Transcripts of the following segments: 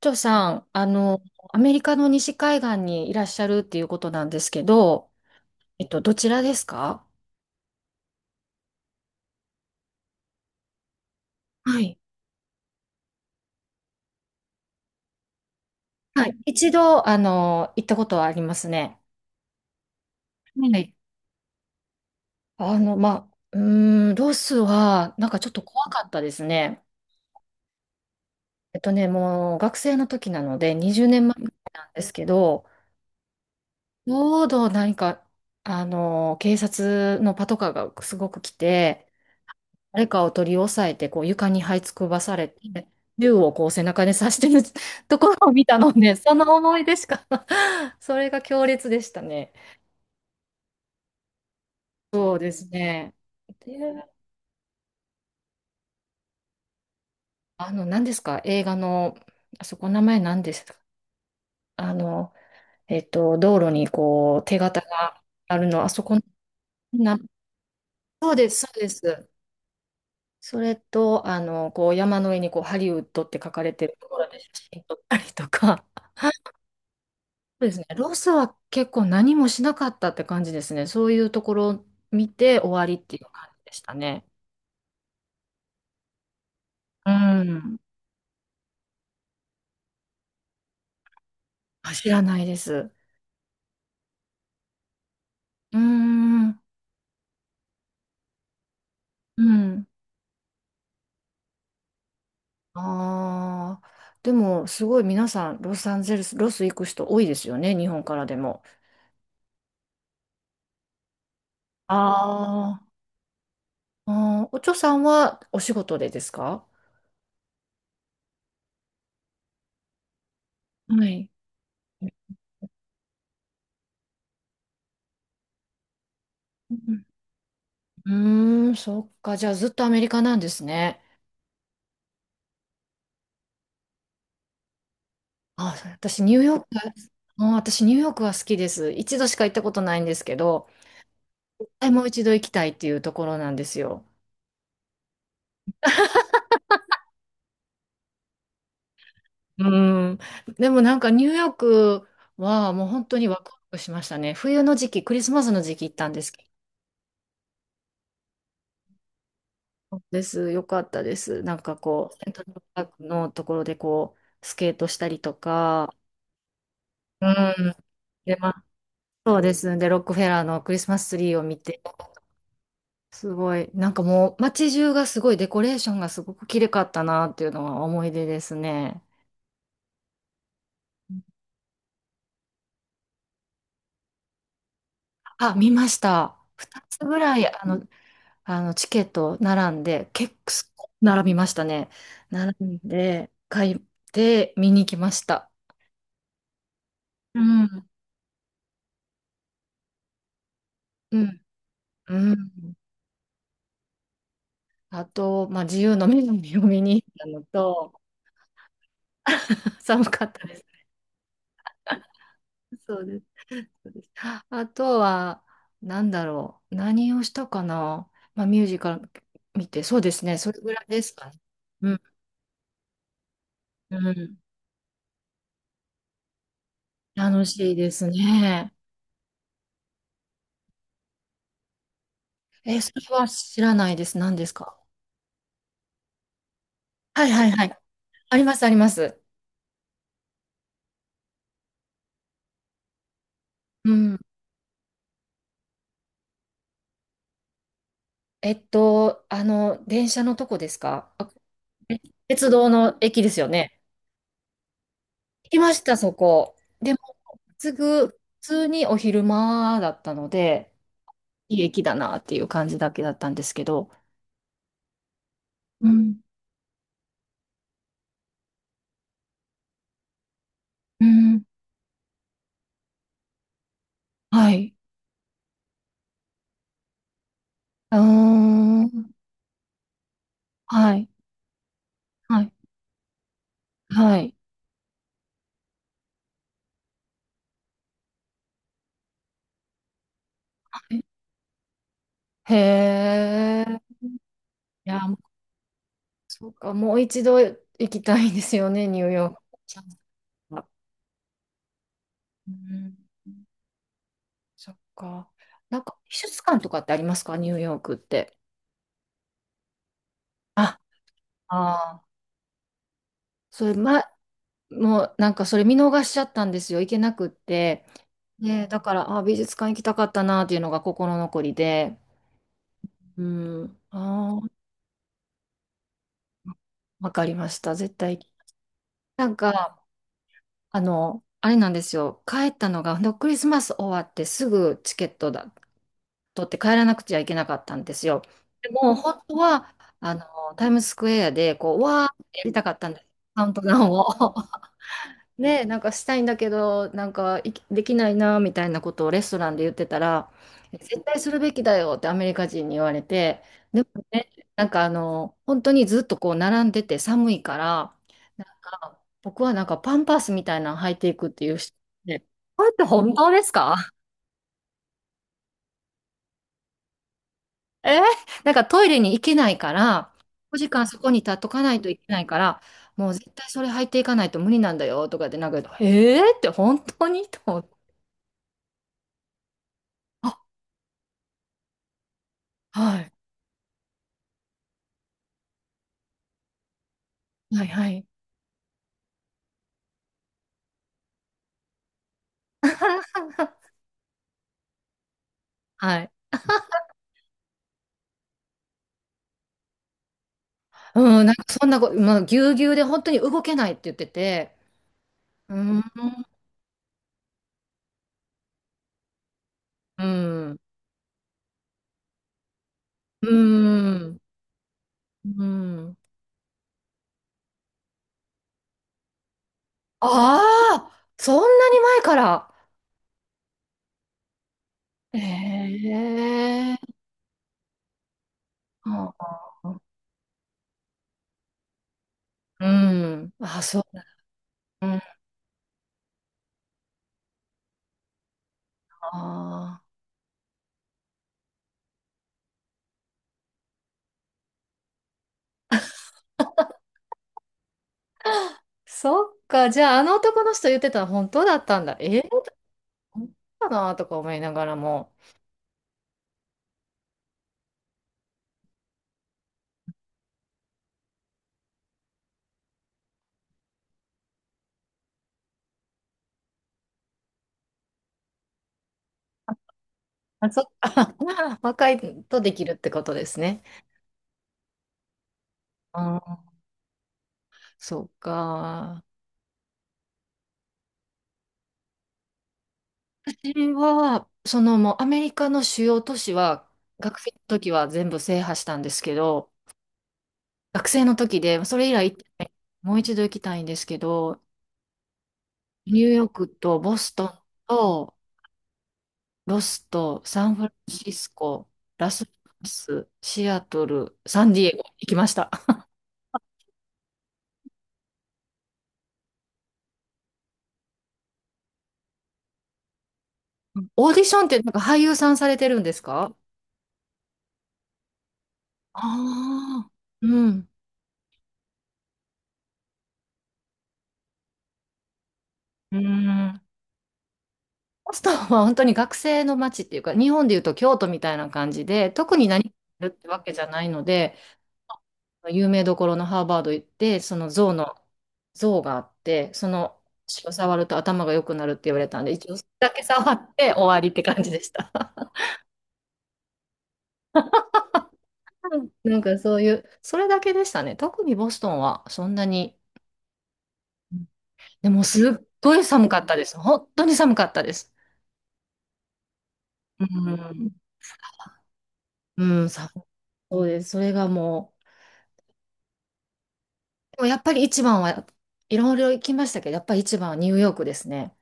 長さん、アメリカの西海岸にいらっしゃるっていうことなんですけど、どちらですか？はい。はい。一度、行ったことはありますね。はい。まあ、ロスは、なんかちょっと怖かったですね。もう学生の時なので、20年前なんですけど、ちょうど何か、警察のパトカーがすごく来て、誰かを取り押さえて、こう床に這いつくばされて、銃をこう背中で刺してる ところを見たので、その思い出しか それが強烈でしたね。そうですね。で、何ですか？映画の、あそこ名前何ですか？あの、道路にこう手形があるの、あそこな、そうです、そうです。それと、こう山の上にこうハリウッドって書かれてるところで写真撮ったりとか。そうですね。ロスは結構何もしなかったって感じですね。そういうところを見て終わりっていう感じでしたね。うん。あ、知らないです。うーん。うん。ああ。でも、すごい皆さん、ロサンゼルス、ロス行く人多いですよね。日本からでも。あーあー。お嬢さんはお仕事でですか？はい。うん、うそっか。じゃあ、ずっとアメリカなんですね。あ、私ニューヨーク、あ、私ニューヨークは好きです。一度しか行ったことないんですけど、はい、もう一度行きたいっていうところなんですよ。うん。でもなんかニューヨークはもう本当にワクワクしましたね。冬の時期、クリスマスの時期行ったんですけど。そうです。よかったです。なんかこう、セントラルパークのところでこう、スケートしたりとか、うん。で、まあ、そうです。で、ロックフェラーのクリスマスツリーを見て、すごい。なんかもう街中がすごいデコレーションがすごく綺麗かったなっていうのは思い出ですね。あ、見ました。2つぐらいチケット並んで、結構並びましたね。並んで、買って見に来ました。うん。うん。うん。あと、まあ、自由の女神を見に行ったのと、寒かったです。そうです。そうです。あとは、なんだろう。何をしたかな。まあ、ミュージカル見て、そうですね。それぐらいですかね。うん、うん。楽しいですね。え、それは知らないです。何ですか？はいはいはい。あります、あります。うん。電車のとこですか？え鉄道の駅ですよね。行きました、そこ。でも、すぐ、普通にお昼間だったので、いい駅だなっていう感じだけだったんですけど、うん。うん。はい。うーん。はい。はい。はい。はい。へえ。いや、もうそうか。もう一度行きたいですよね、ニューヨーク。チャンスが、うん。そっか。なんか、美術館とかってありますか？ニューヨークって。あ、ああ。それ、ま、もうなんかそれ見逃しちゃったんですよ。行けなくって。で、だから、あ、美術館行きたかったなっていうのが心残りで。うん。ああ、わかりました。絶対。なんか、あれなんですよ。帰ったのが、ほんとクリスマス終わってすぐチケットだ、取って帰らなくちゃいけなかったんですよ。でも、本当は、タイムズスクエアで、こう、わーってやりたかったんです。カウントダウンを。ね、なんかしたいんだけど、なんかいきできないなみたいなことをレストランで言ってたら、絶対するべきだよってアメリカ人に言われて、でもね、なんか、本当にずっとこう並んでて寒いから、なんか僕はなんかパンパスみたいなの履いていくっていう人で、これって本当ですか？えーなんかトイレに行けないから、5時間そこに立っとかないといけないから、もう絶対それ履いていかないと無理なんだよとかで、なんか、えーって本当にと思って。あ、はいはいはい。はい。うん、なんかそんなこ、まあ、ぎゅうぎゅうで本当に動けないって言ってて、うん、うん、うん、うん。ああ、そんなに前から。ええ、うん。あ、そう。うん、あーそっか。じゃあ、あの男の人言ってたの本当だったんだ。えー、本当かなとか思いながらも。あ、そっか。若いとできるってことですね。あー、そっか。私は、そのもうアメリカの主要都市は、学生の時は全部制覇したんですけど、学生の時で、それ以来行ってない、もう一度行きたいんですけど、ニューヨークとボストンとロスとサンフランシスコ、ラスベガス、シアトル、サンディエゴ行きました。うん。オーディションってなんか俳優さんされてるんですか？ああー、うん。うん。ボストンは本当に学生の街っていうか、日本でいうと京都みたいな感じで、特に何かやるってわけじゃないので、有名どころのハーバード行って、その象があって、その血を触ると頭が良くなるって言われたんで、一応それだけ触って終わりって感じでした。なんかそういう、それだけでしたね。特にボストンはそんなに、でもすっごい寒かったです。本当に寒かったです。うん、うん、寒そうです。それがもう、でもやっぱり一番は、いろいろ行きましたけど、やっぱり一番はニューヨークですね。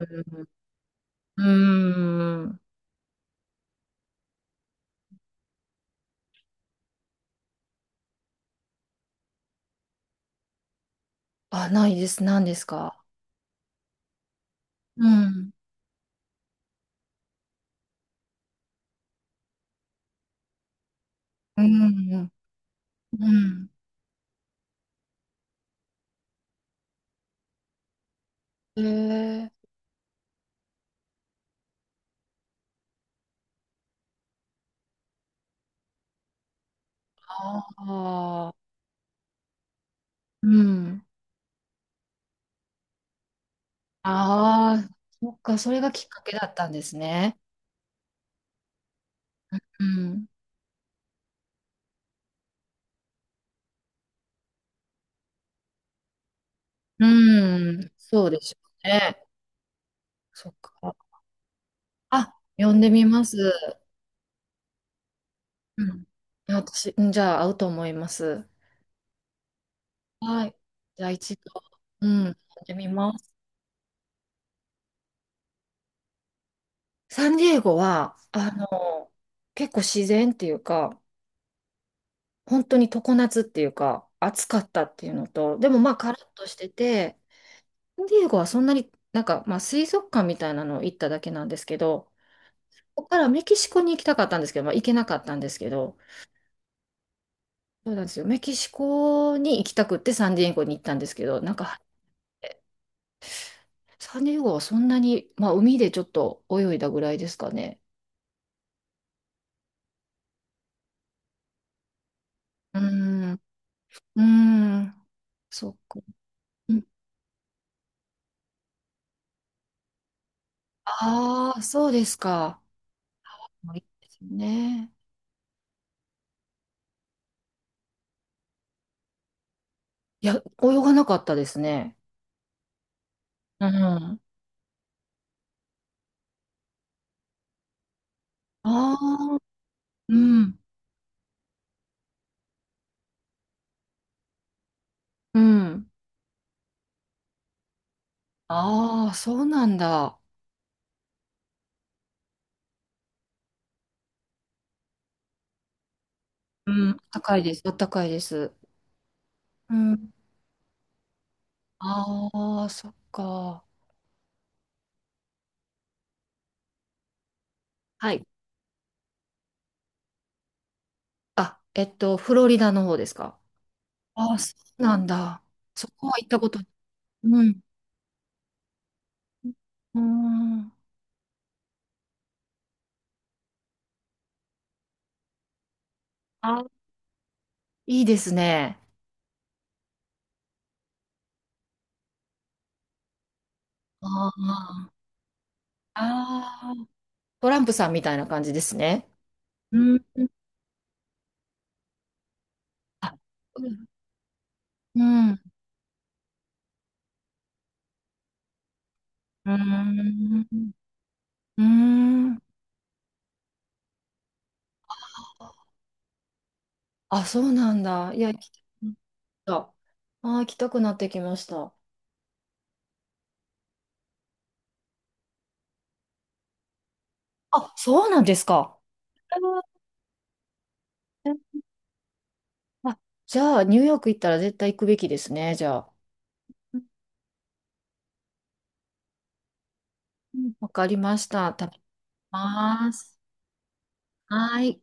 うん。うーん。あ、ないです。何ですか？うん。うん。うん。うん、えー、ああ。うん。ああ、そっか、それがきっかけだったんですね。うん。うん。そうでしょうね。そっか。あ、呼んでみます。うん。私、うん、じゃあ、合うと思います。はい。じゃあ、一度、うん、呼んでみます。サンディエゴは、結構自然っていうか、本当に常夏っていうか、暑かったっていうのと、でもまあ、カラッとしてて、サンディエゴはそんなになんか、まあ、水族館みたいなの行っただけなんですけど、ここからメキシコに行きたかったんですけど、まあ、行けなかったんですけど、そうなんですよ。メキシコに行きたくってサンディエゴに行ったんですけど、なんか、サンディエゴはそんなに、まあ、海でちょっと泳いだぐらいですかね。うーん、うーん、そっか。ああ、そうですか。もういいですね。いや、泳がなかったですね。うん。ああ、うん、うん。ああ、そうなんだ。うん、高いです。あったかいです。うん。ああ、そっか。はい。あ、フロリダの方ですか。ああ、そうなんだ。そこは行ったこと。うん。うん。あ、いいですね。ああ、ああ、トランプさんみたいな感じですね。うん。あ、うん。うん。うん。うん、あ、そうなんだ。いや、行きたくなった。あー、行きたくなってきました。あ、そうなんですか。うん、あ、じゃあ、ニューヨーク行ったら絶対行くべきですね、じゃあ。うん、わかりました。食べます。はーい。